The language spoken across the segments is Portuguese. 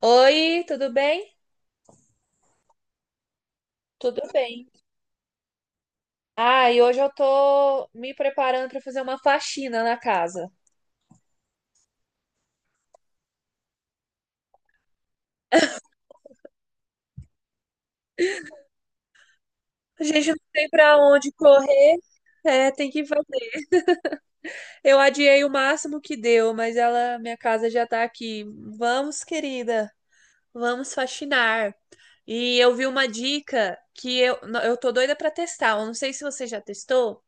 Oi, tudo bem? Tudo bem. Ah, e hoje eu tô me preparando para fazer uma faxina na casa. A gente não tem para onde correr, é, tem que fazer. Eu adiei o máximo que deu, mas minha casa já tá aqui. Vamos, querida, vamos faxinar. E eu vi uma dica que eu, não, eu tô doida para testar. Eu não sei se você já testou,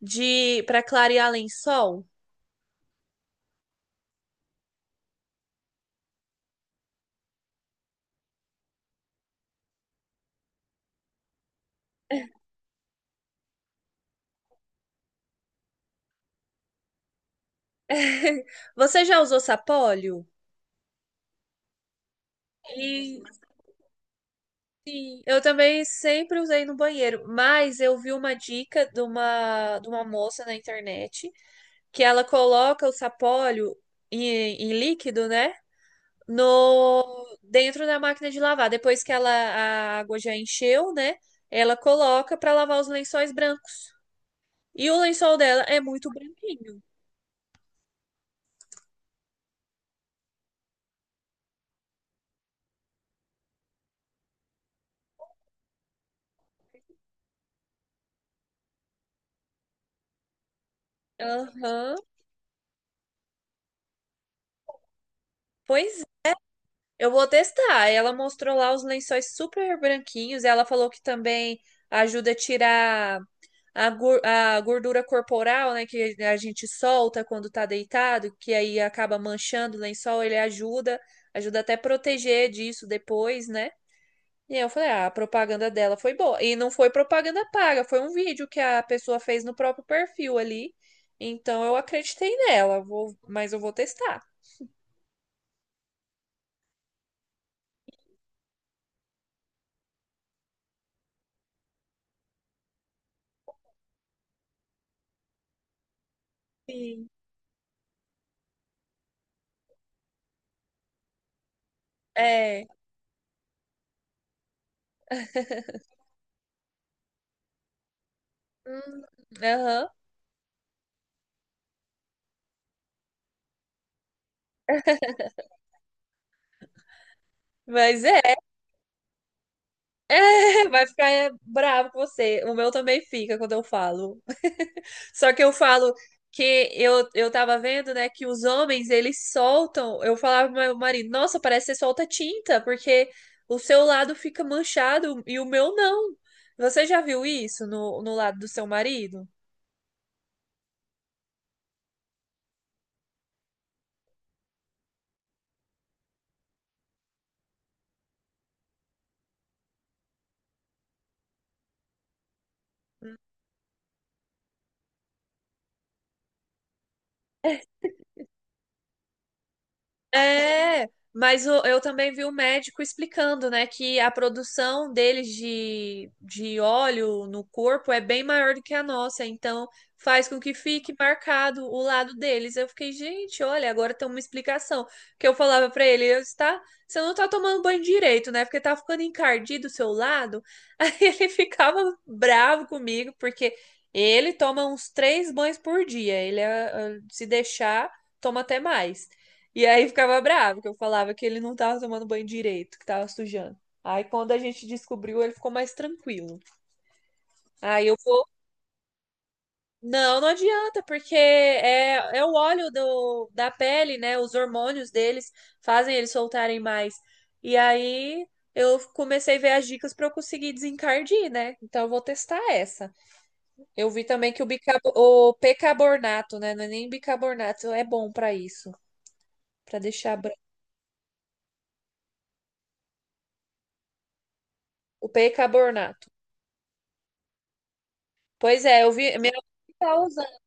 de para clarear lençol. Você já usou sapólio? E Sim, eu também sempre usei no banheiro, mas eu vi uma dica de uma moça na internet que ela coloca o sapólio em líquido, né? No, Dentro da máquina de lavar. Depois que a água já encheu, né? Ela coloca para lavar os lençóis brancos. E o lençol dela é muito branquinho. Aham. Pois é. Eu vou testar. Ela mostrou lá os lençóis super branquinhos. Ela falou que também ajuda a tirar a gordura corporal, né, que a gente solta quando tá deitado, que aí acaba manchando o lençol, ele ajuda até proteger disso depois, né? E aí eu falei, ah, a propaganda dela foi boa. E não foi propaganda paga, foi um vídeo que a pessoa fez no próprio perfil ali. Então eu acreditei nela, mas eu vou testar. Sim. É. Hum. Aham. Mas é, vai ficar bravo com você. O meu também fica quando eu falo. Só que eu falo que eu tava vendo, né, que os homens, eles soltam. Eu falava pro meu marido, nossa, parece que você solta tinta, porque o seu lado fica manchado e o meu não. Você já viu isso no lado do seu marido? É, mas eu também vi o médico explicando, né, que a produção deles de óleo no corpo é bem maior do que a nossa, então faz com que fique marcado o lado deles. Eu fiquei, gente, olha, agora tem uma explicação. Que eu falava pra ele, você não tá tomando banho direito, né? Porque tá ficando encardido o seu lado. Aí ele ficava bravo comigo, porque ele toma uns três banhos por dia. Ele se deixar, toma até mais. E aí ficava bravo, que eu falava que ele não tava tomando banho direito, que tava sujando. Aí quando a gente descobriu, ele ficou mais tranquilo. Aí eu vou. Não, não adianta, porque é o óleo do, da pele, né? Os hormônios deles fazem eles soltarem mais. E aí eu comecei a ver as dicas para eu conseguir desencardir, né? Então eu vou testar essa. Eu vi também que o percarbonato, né? Não é nem bicarbonato, é bom para isso, para deixar branco. O percarbonato. Pois é, eu vi. Minha mãe tá usando.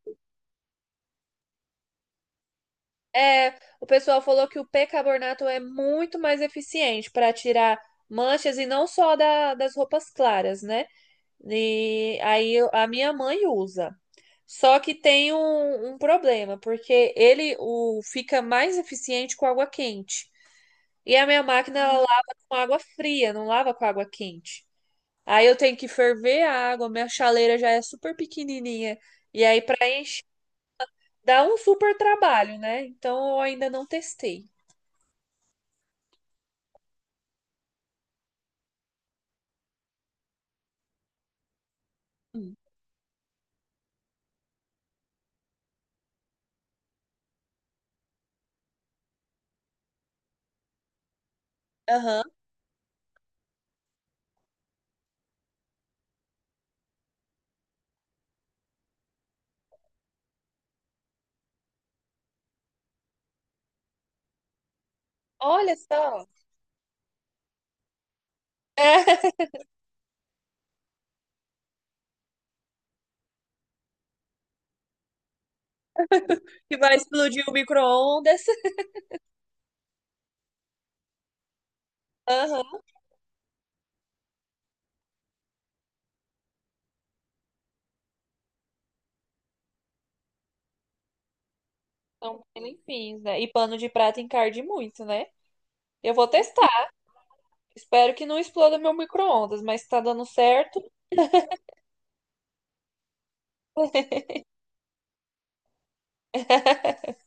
É, o pessoal falou que o percarbonato é muito mais eficiente para tirar manchas e não só das roupas claras, né? E aí a minha mãe usa. Só que tem um problema, porque ele fica mais eficiente com água quente. E a minha máquina ela lava com água fria, não lava com água quente. Aí eu tenho que ferver a água, minha chaleira já é super pequenininha. E aí, para dá um super trabalho, né? Então eu ainda não testei. Hum. Aham. Olha só. É, que vai explodir o micro-ondas. Aham. São bem limpinhos, né? E pano de prato encarde muito, né? Eu vou testar. Espero que não exploda meu micro-ondas, mas tá dando certo.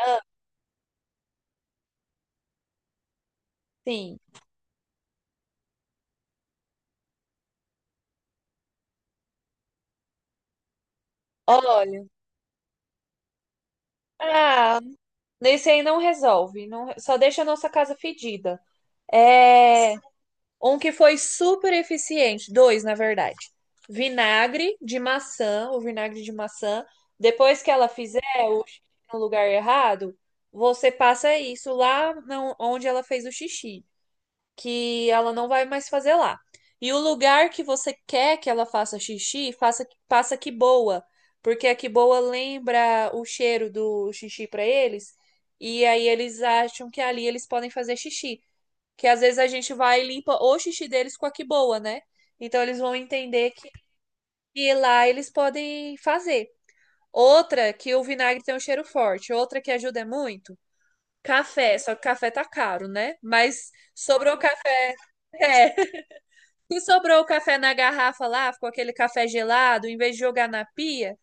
Ah, sim. Olha. Ah, nesse aí não resolve. Não. Só deixa a nossa casa fedida. É. Um que foi super eficiente, dois, na verdade. Vinagre de maçã, o vinagre de maçã. Depois que ela fizer o xixi no lugar errado, você passa isso lá onde ela fez o xixi, que ela não vai mais fazer lá. E o lugar que você quer que ela faça xixi, faça, passa que boa, porque a que boa lembra o cheiro do xixi para eles, e aí eles acham que ali eles podem fazer xixi, que às vezes a gente vai e limpa o xixi deles com a que boa, né? Então eles vão entender que lá eles podem fazer. Outra que o vinagre tem um cheiro forte, outra que ajuda é muito, café, só que café tá caro, né? Mas sobrou café, é, se sobrou o café na garrafa lá, ficou aquele café gelado, em vez de jogar na pia,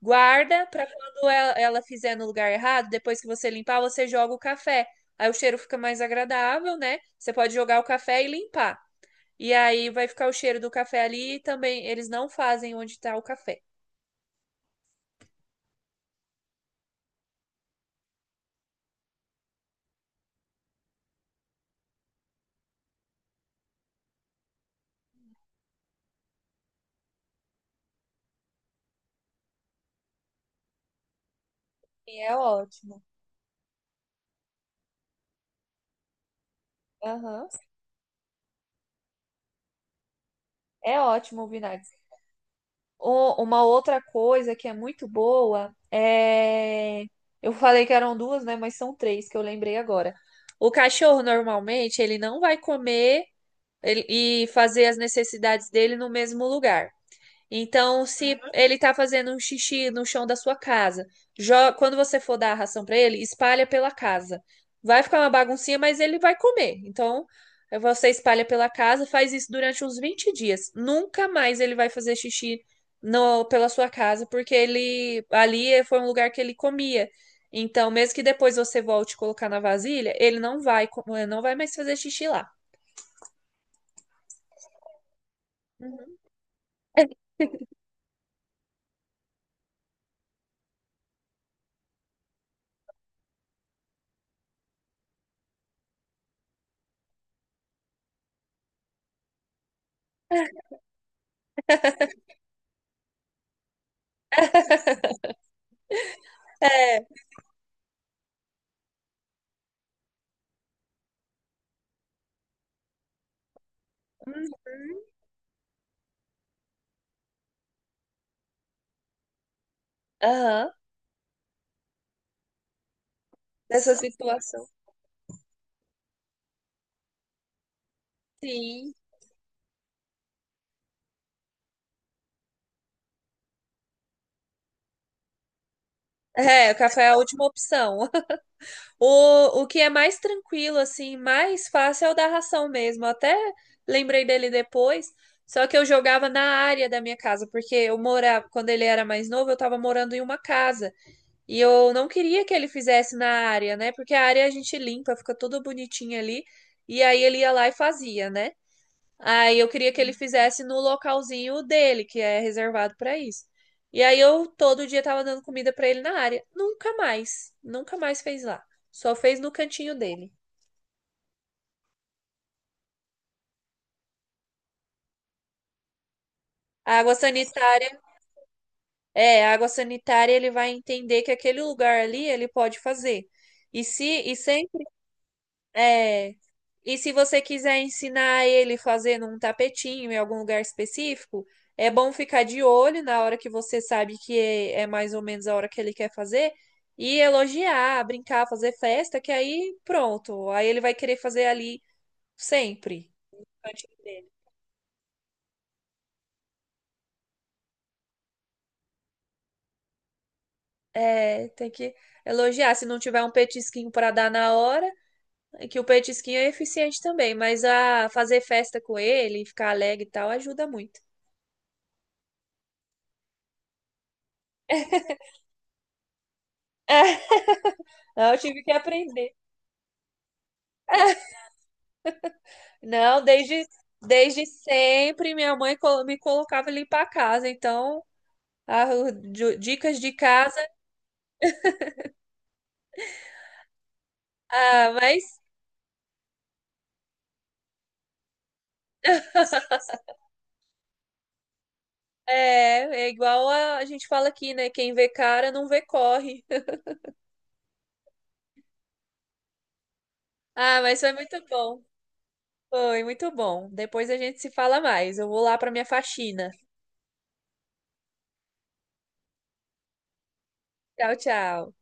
guarda para quando ela fizer no lugar errado, depois que você limpar, você joga o café. Aí o cheiro fica mais agradável, né? Você pode jogar o café e limpar. E aí vai ficar o cheiro do café ali e também eles não fazem onde está o café. Sim, é ótimo. Aham. É ótimo o vinagre. Uma outra coisa que é muito boa é. Eu falei que eram duas, né? Mas são três que eu lembrei agora. O cachorro normalmente ele não vai comer e fazer as necessidades dele no mesmo lugar. Então, se ele está fazendo um xixi no chão da sua casa, quando você for dar a ração para ele, espalha pela casa. Vai ficar uma baguncinha, mas ele vai comer. Então, você espalha pela casa, faz isso durante uns 20 dias. Nunca mais ele vai fazer xixi pela sua casa, porque ele ali foi um lugar que ele comia. Então, mesmo que depois você volte colocar na vasilha, ele não vai mais fazer xixi lá. Uhum. É. Uhum. Aham. Dessa situação. Sim. É, o café é a última opção. O que é mais tranquilo, assim, mais fácil é o da ração mesmo. Eu até lembrei dele depois. Só que eu jogava na área da minha casa, porque eu morava, quando ele era mais novo, eu tava morando em uma casa. E eu não queria que ele fizesse na área, né? Porque a área a gente limpa, fica tudo bonitinho ali. E aí ele ia lá e fazia, né? Aí eu queria que ele fizesse no localzinho dele, que é reservado pra isso. E aí eu todo dia tava dando comida pra ele na área. Nunca mais, nunca mais fez lá. Só fez no cantinho dele. A água sanitária, é, a água sanitária ele vai entender que aquele lugar ali ele pode fazer. E se e sem É. E se você quiser ensinar ele fazendo um tapetinho em algum lugar específico, é bom ficar de olho na hora que você sabe que é mais ou menos a hora que ele quer fazer e elogiar, brincar, fazer festa, que aí pronto. Aí ele vai querer fazer ali sempre. Cantinho dele. É, tem que elogiar. Se não tiver um petisquinho para dar na hora, é que o petisquinho é eficiente também, mas a fazer festa com ele, ficar alegre e tal, ajuda muito. É, eu tive que aprender. Não, desde sempre minha mãe me colocava ali para casa, então ah, dicas de casa, ah, mas é igual a gente fala aqui, né? Quem vê cara não vê corre. Ah, mas foi muito bom. Foi muito bom. Depois a gente se fala mais. Eu vou lá para minha faxina. Tchau, tchau.